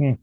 Hı,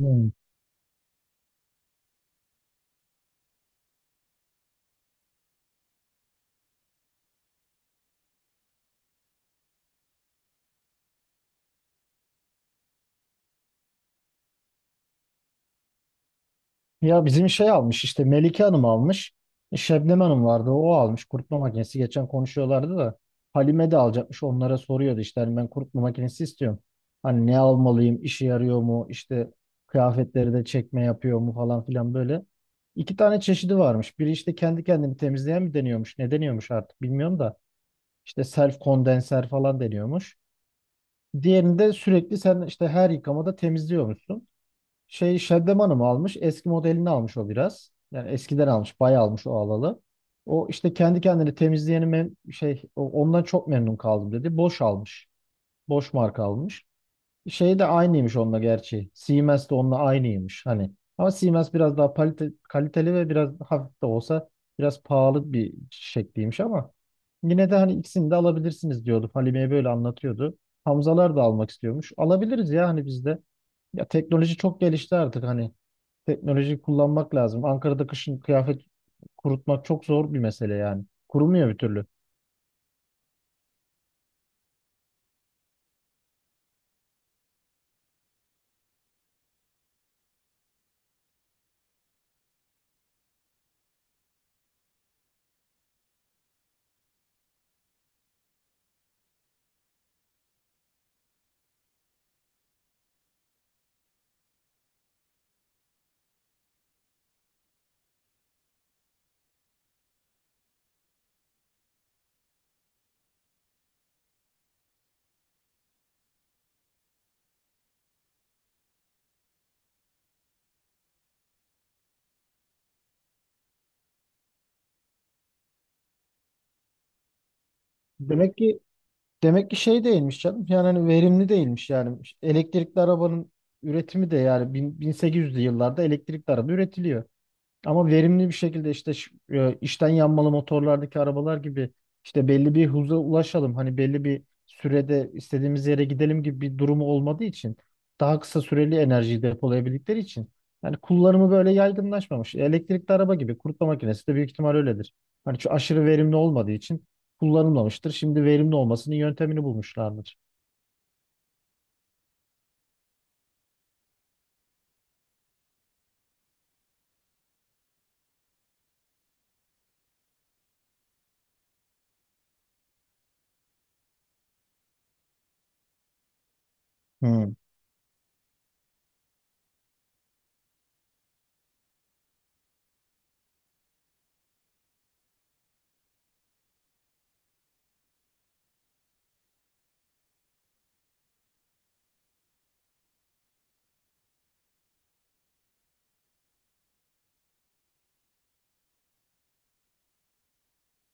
hı. Ya bizim şey almış işte Melike Hanım almış. Şebnem Hanım vardı o almış kurutma makinesi. Geçen konuşuyorlardı da Halime de alacakmış onlara soruyordu işte hani ben kurutma makinesi istiyorum. Hani ne almalıyım işe yarıyor mu işte kıyafetleri de çekme yapıyor mu falan filan böyle. İki tane çeşidi varmış. Biri işte kendi kendini temizleyen mi deniyormuş ne deniyormuş artık bilmiyorum da işte self kondenser falan deniyormuş. Diğerinde sürekli sen işte her yıkamada temizliyormuşsun. Şey Şaddeman'ı mı almış? Eski modelini almış o biraz. Yani eskiden almış. Bayağı almış o alalı. O işte kendi kendini temizleyeni ondan çok memnun kaldım dedi. Boş almış. Boş marka almış. Şey de aynıymış onunla gerçi. Siemens de onunla aynıymış hani. Ama Siemens biraz daha kaliteli ve biraz hafif de olsa biraz pahalı bir şekliymiş ama yine de hani ikisini de alabilirsiniz diyordu. Halime'ye böyle anlatıyordu. Hamzalar da almak istiyormuş. Alabiliriz ya hani biz de. Ya teknoloji çok gelişti artık hani. Teknolojiyi kullanmak lazım. Ankara'da kışın kıyafet kurutmak çok zor bir mesele yani. Kurumuyor bir türlü. Demek ki demek ki şey değilmiş canım. Yani hani verimli değilmiş yani. İşte elektrikli arabanın üretimi de yani 1800'lü yıllarda elektrikli araba üretiliyor. Ama verimli bir şekilde işte içten yanmalı motorlardaki arabalar gibi işte belli bir hıza ulaşalım. Hani belli bir sürede istediğimiz yere gidelim gibi bir durumu olmadığı için daha kısa süreli enerjiyi depolayabildikleri için yani kullanımı böyle yaygınlaşmamış. Elektrikli araba gibi kurutma makinesi de büyük ihtimal öyledir. Hani şu aşırı verimli olmadığı için kullanılmamıştır. Şimdi verimli olmasının yöntemini bulmuşlardır. Hı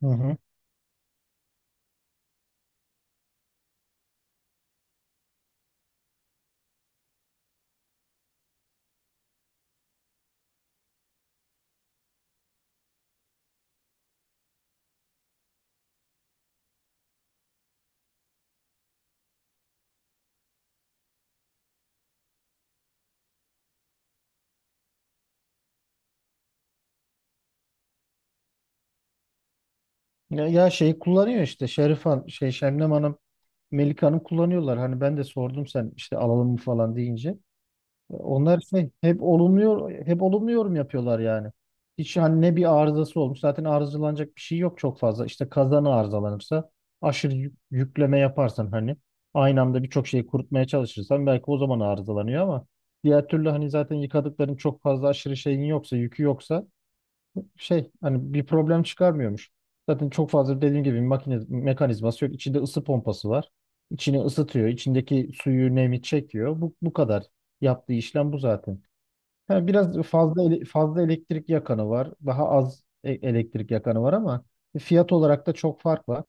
hı. Hı. Ya şeyi kullanıyor işte Şerifan şey Şemnem Hanım Melike Hanım kullanıyorlar. Hani ben de sordum sen işte alalım mı falan deyince. Onlar şey, hep olumluyor, hep olumlu yorum yapıyorlar yani. Hiç hani ne bir arızası olmuş. Zaten arızalanacak bir şey yok çok fazla. İşte kazanı arızalanırsa aşırı yükleme yaparsan hani aynı anda birçok şeyi kurutmaya çalışırsan belki o zaman arızalanıyor ama diğer türlü hani zaten yıkadıkların çok fazla aşırı şeyin yoksa, yükü yoksa şey hani bir problem çıkarmıyormuş. Zaten çok fazla dediğim gibi makine mekanizması yok. İçinde ısı pompası var. İçini ısıtıyor. İçindeki suyu, nemi çekiyor. Bu kadar. Yaptığı işlem bu zaten. Ha, biraz fazla fazla elektrik yakanı var. Daha az elektrik yakanı var ama fiyat olarak da çok fark var.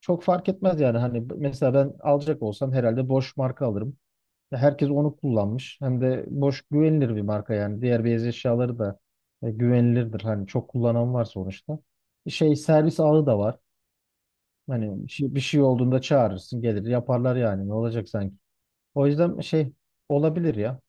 Çok fark etmez yani. Hani mesela ben alacak olsam herhalde Bosch marka alırım. Herkes onu kullanmış. Hem de boş güvenilir bir marka yani. Diğer beyaz eşyaları da güvenilirdir. Hani çok kullanan var sonuçta. Şey servis ağı da var. Hani bir şey olduğunda çağırırsın gelir yaparlar yani ne olacak sanki. O yüzden şey olabilir ya.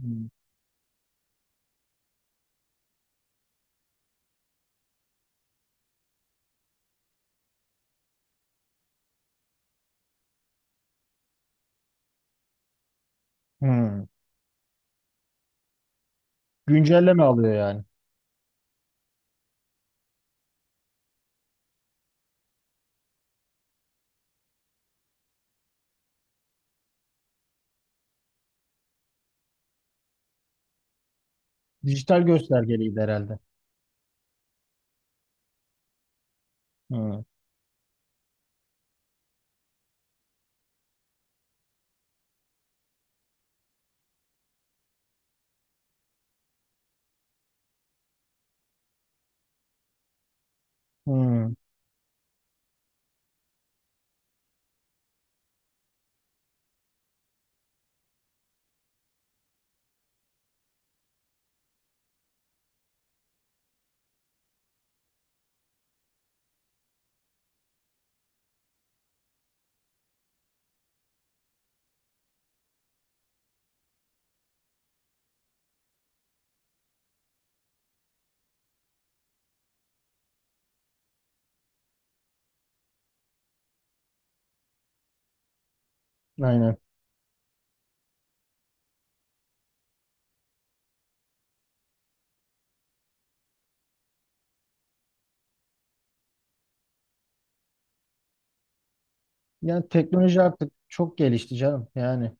Hmm. Hmm. Güncelleme alıyor yani. Dijital göstergeliydi herhalde. Hmm. Hmm. Aynen. Yani teknoloji artık çok gelişti canım yani.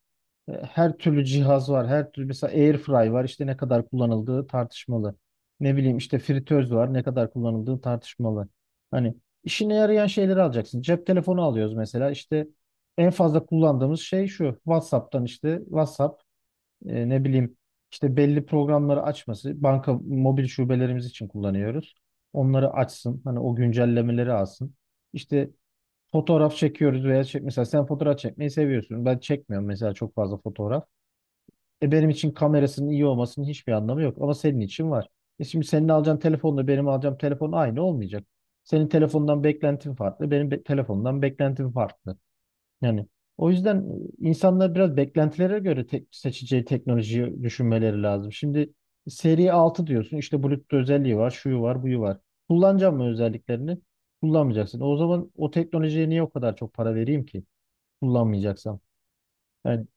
E, her türlü cihaz var. Her türlü mesela airfry var. İşte ne kadar kullanıldığı tartışmalı. Ne bileyim işte fritöz var. Ne kadar kullanıldığı tartışmalı. Hani işine yarayan şeyleri alacaksın. Cep telefonu alıyoruz mesela. İşte en fazla kullandığımız şey şu. WhatsApp'tan işte WhatsApp ne bileyim işte belli programları açması. Banka mobil şubelerimiz için kullanıyoruz. Onları açsın. Hani o güncellemeleri alsın. İşte fotoğraf çekiyoruz veya çek mesela sen fotoğraf çekmeyi seviyorsun. Ben çekmiyorum mesela çok fazla fotoğraf. E benim için kamerasının iyi olmasının hiçbir anlamı yok ama senin için var. E şimdi senin alacağın telefonla benim alacağım telefon aynı olmayacak. Senin telefondan beklentin farklı, benim telefondan beklentim farklı. Yani o yüzden insanlar biraz beklentilere göre tek seçeceği teknolojiyi düşünmeleri lazım. Şimdi seri 6 diyorsun işte Bluetooth özelliği var, şuyu var, buyu var. Kullanacağım mı özelliklerini? Kullanmayacaksın. O zaman o teknolojiye niye o kadar çok para vereyim ki kullanmayacaksam? Yani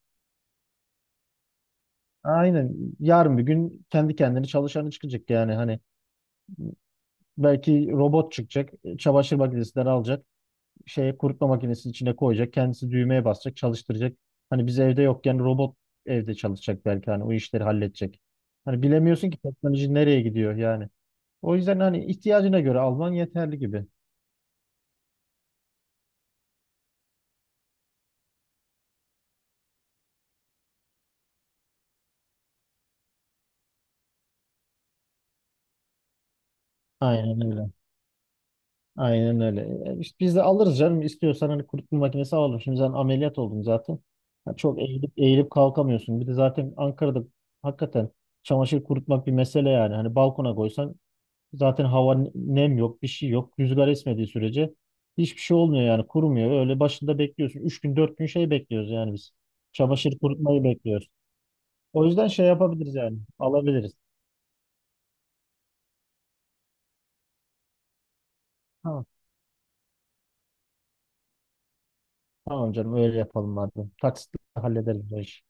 aynen. Yarın bir gün kendi kendini çalışanı çıkacak yani hani belki robot çıkacak, çamaşır makinesinden alacak, şeye kurutma makinesinin içine koyacak, kendisi düğmeye basacak, çalıştıracak. Hani biz evde yokken robot evde çalışacak belki hani o işleri halledecek. Hani bilemiyorsun ki teknoloji nereye gidiyor yani. O yüzden hani ihtiyacına göre alman yeterli gibi. Aynen öyle. Aynen öyle. E, işte biz de alırız canım. İstiyorsan hani kurutma makinesi alalım. Şimdi sen ameliyat oldun zaten. Ha, çok eğilip eğilip kalkamıyorsun. Bir de zaten Ankara'da hakikaten çamaşır kurutmak bir mesele yani. Hani balkona koysan zaten hava nem yok, bir şey yok. Rüzgar esmediği sürece hiçbir şey olmuyor yani. Kurumuyor. Öyle başında bekliyorsun. Üç gün, dört gün şey bekliyoruz yani biz. Çamaşır kurutmayı bekliyoruz. O yüzden şey yapabiliriz yani. Alabiliriz. Tamam. Tamam canım öyle yapalım madem. Taksitle hallederiz bu işi.